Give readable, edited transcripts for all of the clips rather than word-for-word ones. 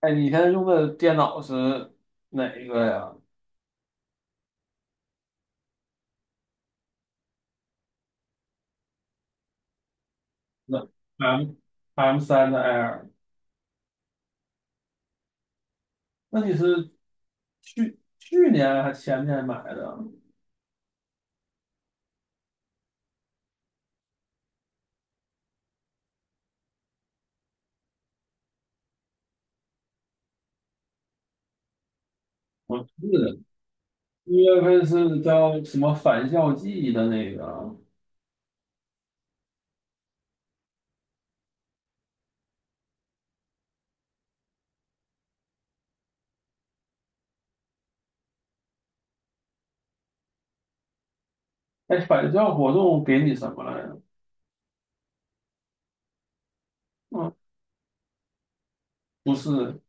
哎，你现在用的电脑是哪一个呀？那 M M 三的 Air，那你是去年还前年买的？我是，月份是叫什么返校季的那个？哎，返校活动给你什么来着？嗯，不是，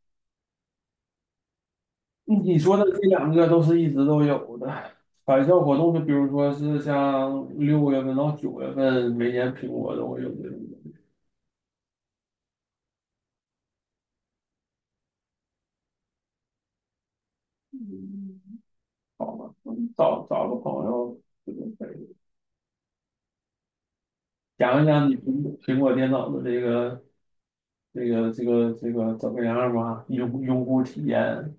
你说的这两个都是一直都有的。返校活动就比如说是像6月份到9月份，每年苹果都会有这种。嗯好吧，找个朋友。讲一讲你苹果电脑的这个怎么样吧？用户体验。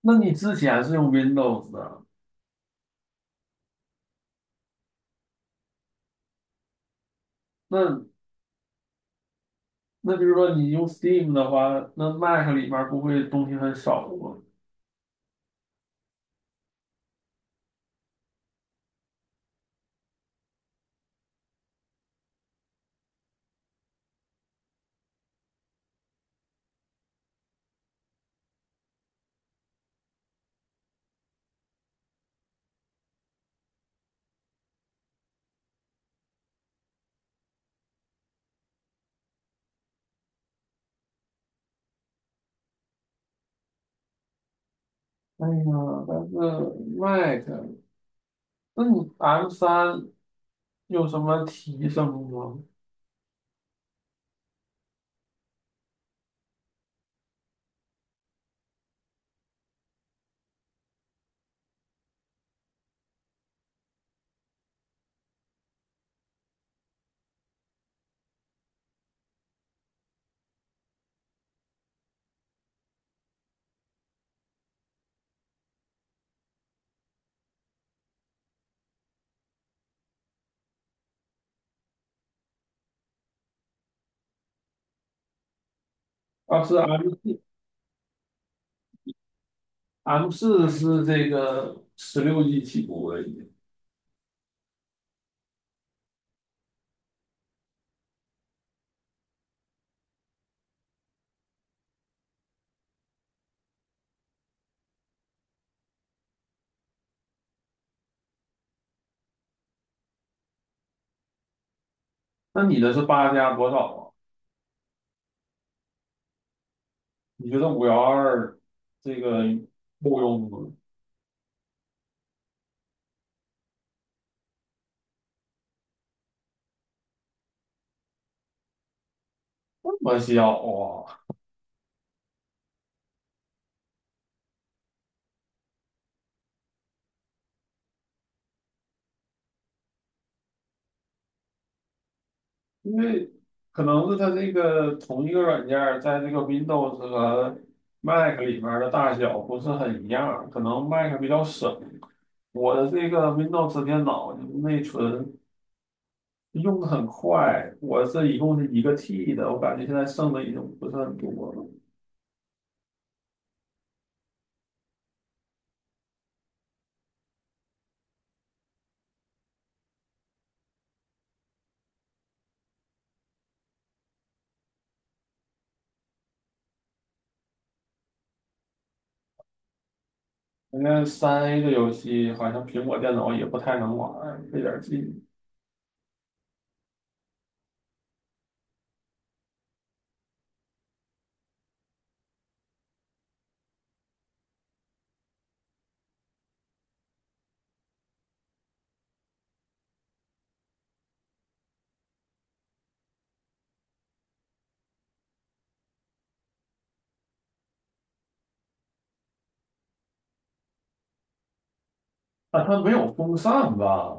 那你之前是用 Windows 的，那那就是说你用 Steam 的话，那 Mac 里面不会东西很少吗？哎呀，但是 Mac，那你 M 三有什么提升吗？啊，是 M 四，M 四是这个16G 起步而已。那你的是八加多少啊？你觉得512这个够用吗？这么小啊？因为可能是它这个同一个软件儿在这个 Windows 和 Mac 里面的大小不是很一样，可能 Mac 比较省。我的这个 Windows 电脑内存用的很快，我是一共是一个 T 的，我感觉现在剩的已经不是很多了。因为3A 的游戏好像苹果电脑也不太能玩儿，费点劲。啊，它没有风扇吧？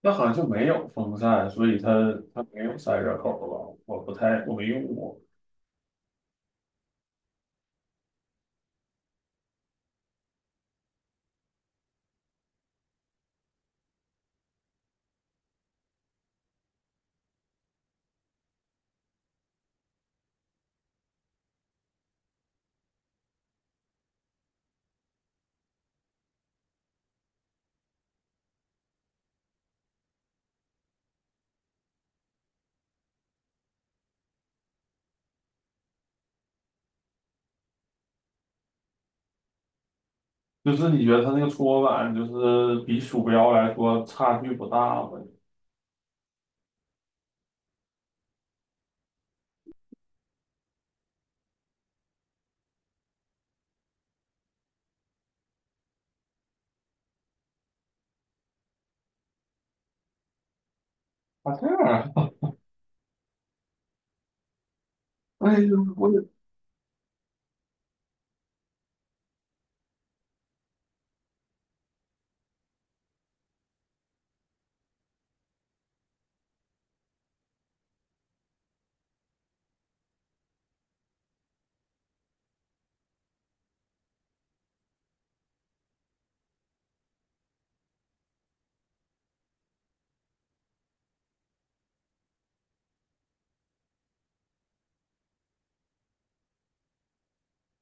那好像就没有风扇，所以它它没有散热口儿吧？我不太我没用过。就是你觉得它那个搓板就是比鼠标来说差距不大吗？啊，这样啊，哎呦，我也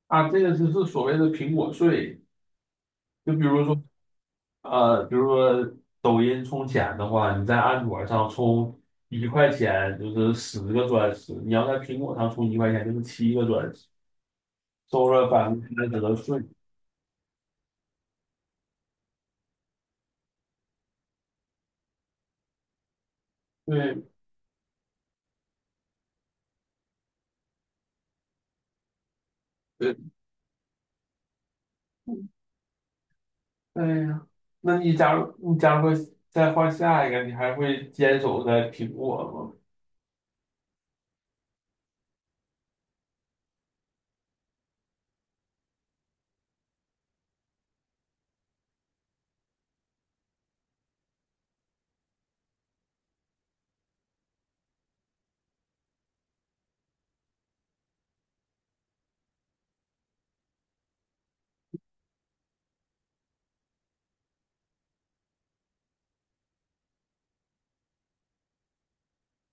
啊，这个就是所谓的苹果税。就比如说，呃，比如说抖音充钱的话，你在安卓上充一块钱就是10个钻石，你要在苹果上充一块钱就是七个钻石，收了30%的税。对对，对呀，那你假如说再换下一个，你还会坚守在苹果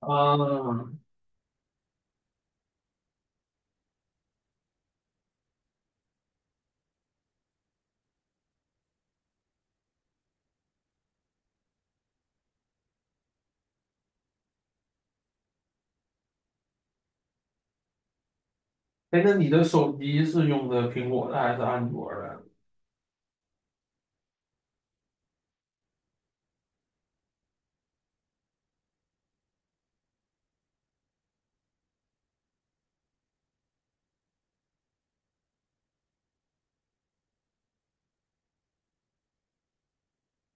吗？啊，哎，那你的手机是用的苹果的还是安卓的？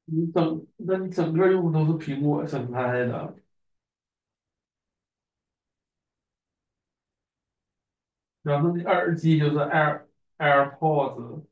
那你整个用的都是苹果生态的，然后你耳机就是 AirPods，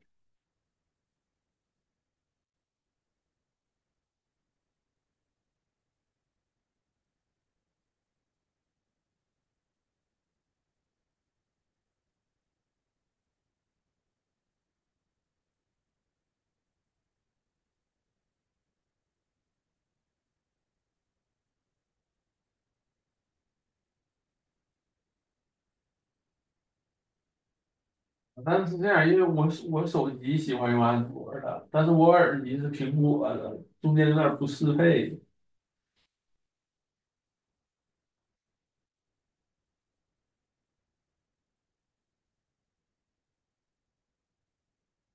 但是这样，因为我手机喜欢用安卓的，但是我耳机是苹果的，中间有点不适配。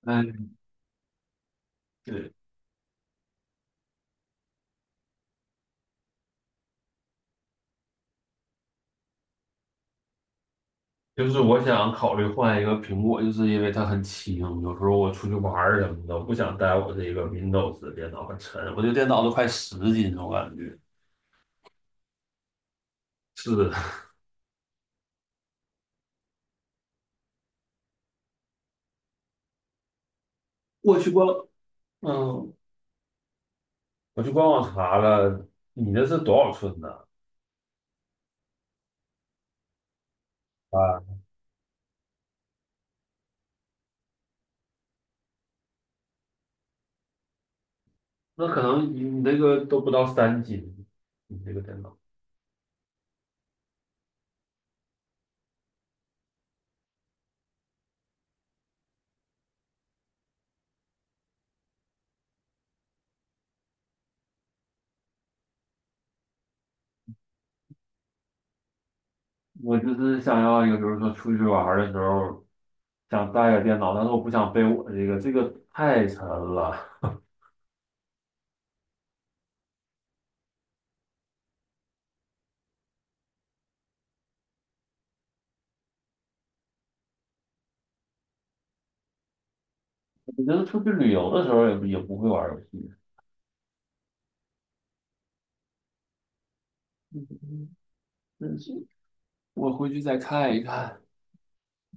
哎，就是我想考虑换一个苹果，就是因为它很轻，有时候我出去玩儿什么的，我不想带我这个 Windows 的电脑，很沉，我这电脑都快10斤了，我感觉。是，我去官，嗯，我去官网查了，你那是多少寸的啊？那可能你那个都不到3斤，你这个电脑。我就是想要一个，比如说出去玩儿的时候，想带个电脑，但是我不想背我这个，这个太沉了。我觉得出去旅游的时候也不会玩儿游戏。嗯，我回去再看一看。